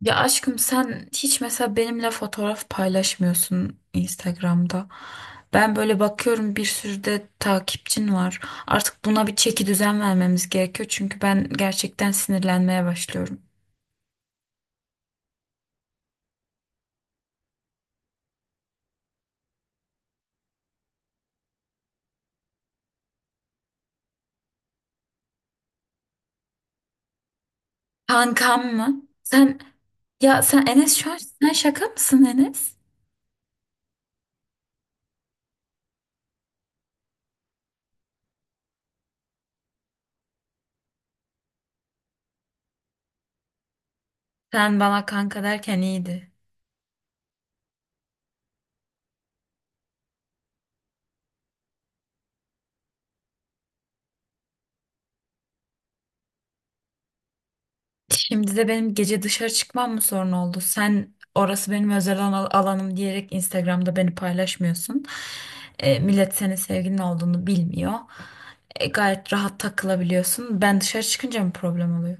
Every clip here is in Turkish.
Ya aşkım sen hiç mesela benimle fotoğraf paylaşmıyorsun Instagram'da. Ben böyle bakıyorum, bir sürü de takipçin var. Artık buna bir çeki düzen vermemiz gerekiyor, çünkü ben gerçekten sinirlenmeye başlıyorum. Kankam mı? Sen ya sen Enes, şu an sen şaka mısın Enes? Sen bana kanka derken iyiydi. Şimdi de benim gece dışarı çıkmam mı sorun oldu? Sen, orası benim özel alanım diyerek Instagram'da beni paylaşmıyorsun. E, millet senin sevgilin olduğunu bilmiyor. E, gayet rahat takılabiliyorsun. Ben dışarı çıkınca mı problem oluyor?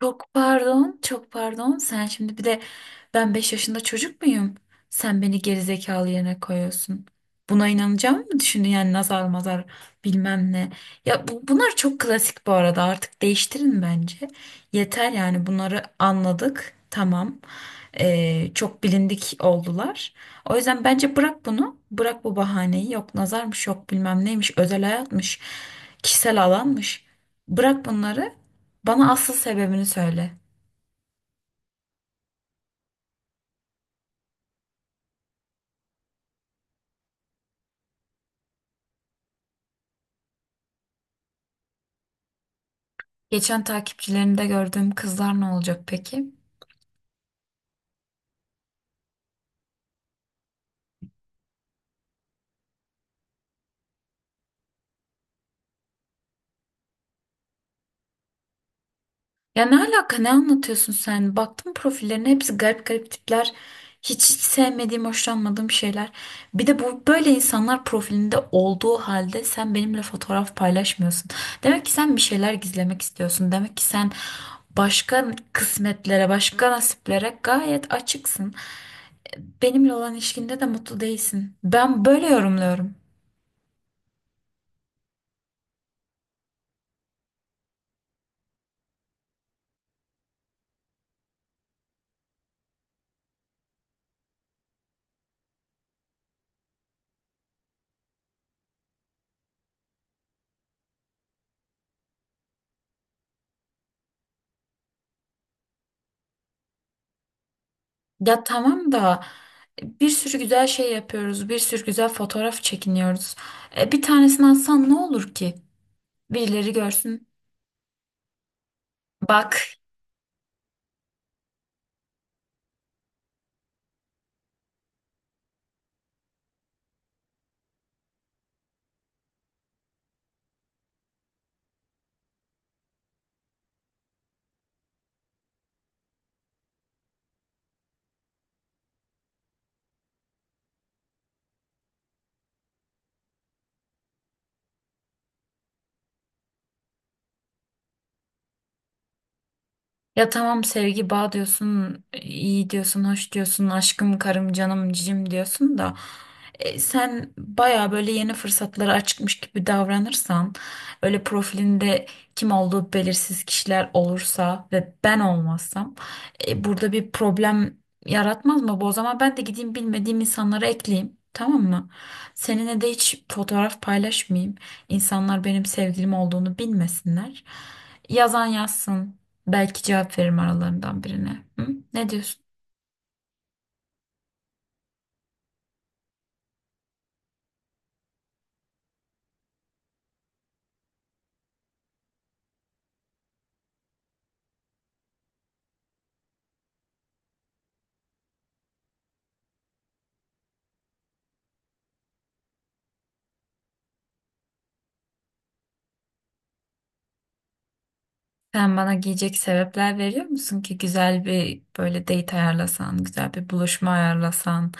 Çok pardon, çok pardon. Sen şimdi bir de, ben 5 yaşında çocuk muyum? Sen beni gerizekalı yerine koyuyorsun. Buna inanacağım mı düşündün yani, nazar mazar bilmem ne. Ya bunlar çok klasik bu arada, artık değiştirin bence. Yeter yani, bunları anladık, tamam. Çok bilindik oldular. O yüzden bence bırak bunu. Bırak bu bahaneyi. Yok nazarmış, yok bilmem neymiş, özel hayatmış, kişisel alanmış. Bırak bunları. Bana asıl sebebini söyle. Geçen takipçilerinde gördüğüm kızlar ne olacak peki? Ya ne alaka, ne anlatıyorsun sen? Baktım profillerine, hepsi garip garip tipler. Hiç sevmediğim, hoşlanmadığım şeyler. Bir de bu böyle insanlar profilinde olduğu halde sen benimle fotoğraf paylaşmıyorsun. Demek ki sen bir şeyler gizlemek istiyorsun. Demek ki sen başka kısmetlere, başka nasiplere gayet açıksın. Benimle olan ilişkinde de mutlu değilsin. Ben böyle yorumluyorum. Ya tamam da, bir sürü güzel şey yapıyoruz. Bir sürü güzel fotoğraf çekiniyoruz. E, bir tanesini atsan ne olur ki? Birileri görsün. Bak. Ya tamam, sevgi bağ diyorsun, iyi diyorsun, hoş diyorsun, aşkım, karım, canım, cicim diyorsun da, e, sen baya böyle yeni fırsatlara açıkmış gibi davranırsan, öyle profilinde kim olduğu belirsiz kişiler olursa ve ben olmazsam, e, burada bir problem yaratmaz mı bu? O zaman ben de gideyim, bilmediğim insanlara ekleyeyim. Tamam mı? Seninle de hiç fotoğraf paylaşmayayım. İnsanlar benim sevgilim olduğunu bilmesinler. Yazan yazsın. Belki cevap veririm aralarından birine. Hı? Ne diyorsun? Sen bana giyecek sebepler veriyor musun ki? Güzel bir böyle date ayarlasan, güzel bir buluşma ayarlasan,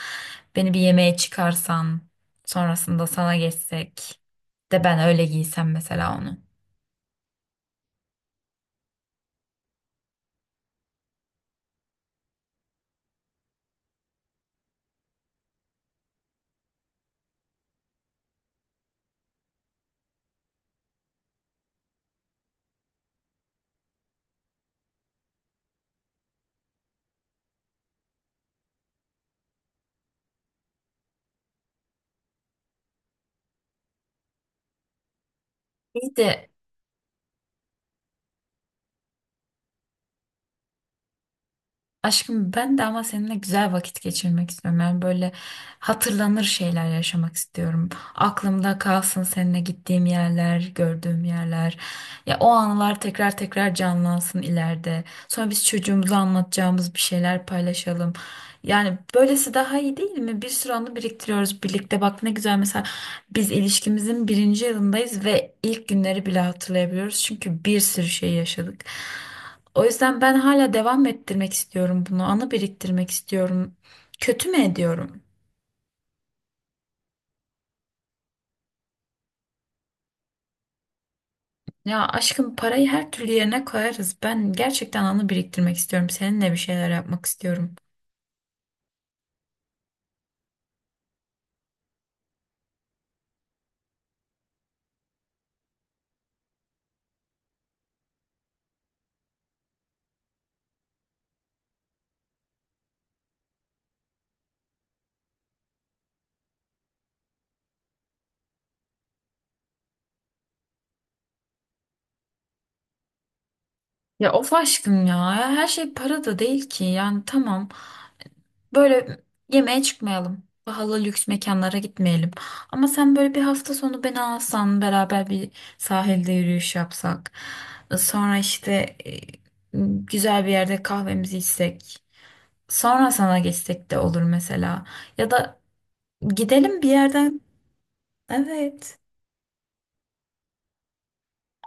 beni bir yemeğe çıkarsan, sonrasında sana geçsek de ben öyle giysem mesela onu. İyi de... Aşkım, ben de ama seninle güzel vakit geçirmek istiyorum. Yani böyle hatırlanır şeyler yaşamak istiyorum. Aklımda kalsın seninle gittiğim yerler, gördüğüm yerler. Ya, o anılar tekrar tekrar canlansın ileride. Sonra biz çocuğumuza anlatacağımız bir şeyler paylaşalım. Yani böylesi daha iyi değil mi? Bir sürü anı biriktiriyoruz birlikte. Bak ne güzel mesela, biz ilişkimizin birinci yılındayız ve ilk günleri bile hatırlayabiliyoruz. Çünkü bir sürü şey yaşadık. O yüzden ben hala devam ettirmek istiyorum bunu. Anı biriktirmek istiyorum. Kötü mü ediyorum? Ya aşkım, parayı her türlü yerine koyarız. Ben gerçekten anı biriktirmek istiyorum. Seninle bir şeyler yapmak istiyorum. Ya of aşkım ya. Her şey para da değil ki. Yani tamam. Böyle yemeğe çıkmayalım. Pahalı lüks mekanlara gitmeyelim. Ama sen böyle bir hafta sonu beni alsan, beraber bir sahilde yürüyüş yapsak. Sonra işte, güzel bir yerde kahvemizi içsek. Sonra sana geçsek de olur mesela. Ya da gidelim bir yerden. Evet.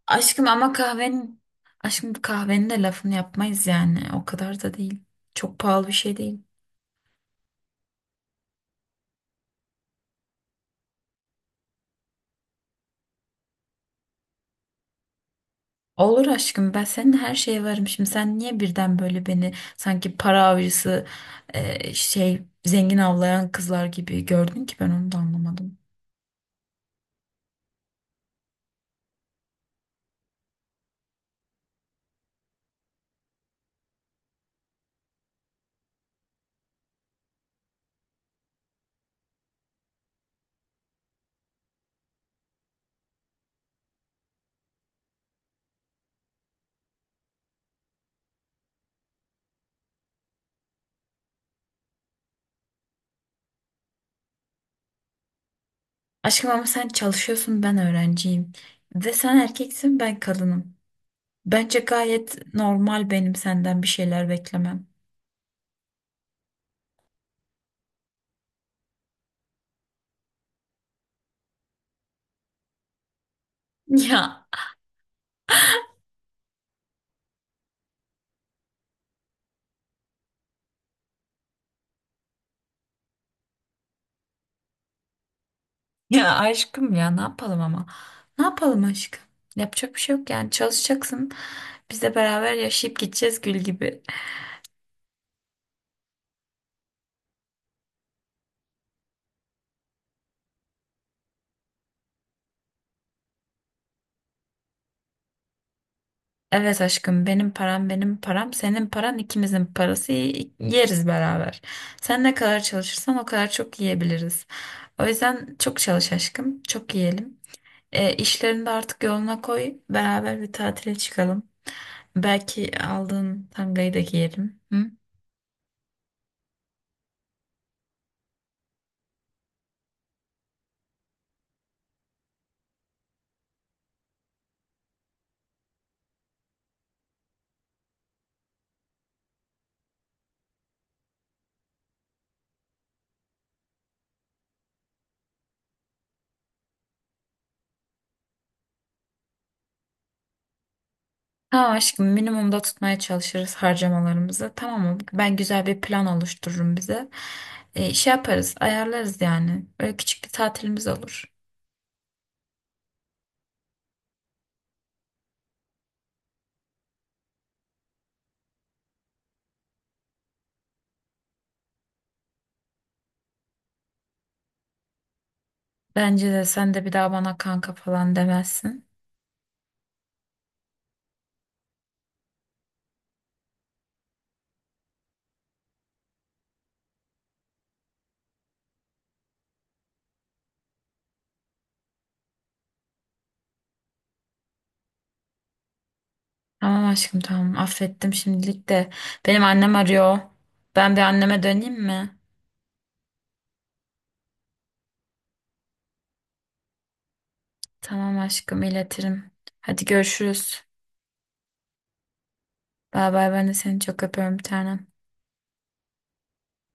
Aşkım ama kahvenin de lafını yapmayız yani. O kadar da değil. Çok pahalı bir şey değil. Olur aşkım, ben senin her şeye varım. Şimdi sen niye birden böyle beni sanki para avcısı, şey, zengin avlayan kızlar gibi gördün ki? Ben onu da anlamadım. Aşkım ama sen çalışıyorsun, ben öğrenciyim. Ve sen erkeksin, ben kadınım. Bence gayet normal benim senden bir şeyler beklemem. Ya, ya aşkım ya, ne yapalım ama. Ne yapalım aşkım? Yapacak bir şey yok yani, çalışacaksın. Biz de beraber yaşayıp gideceğiz gül gibi. Evet aşkım, benim param, senin paran, ikimizin parası, yeriz beraber. Sen ne kadar çalışırsan o kadar çok yiyebiliriz. O yüzden çok çalış aşkım, çok yiyelim. E, işlerini de artık yoluna koy, beraber bir tatile çıkalım. Belki aldığın tangayı da giyelim. Hı? Tamam aşkım, minimumda tutmaya çalışırız harcamalarımızı. Tamam mı? Ben güzel bir plan oluştururum bize. E, şey yaparız, ayarlarız yani. Böyle küçük bir tatilimiz olur. Bence de. Sen de bir daha bana kanka falan demezsin. Tamam aşkım, tamam, affettim şimdilik de. Benim annem arıyor. Ben bir anneme döneyim mi? Tamam aşkım, iletirim. Hadi görüşürüz. Bay bay, ben de seni çok öpüyorum bir tanem.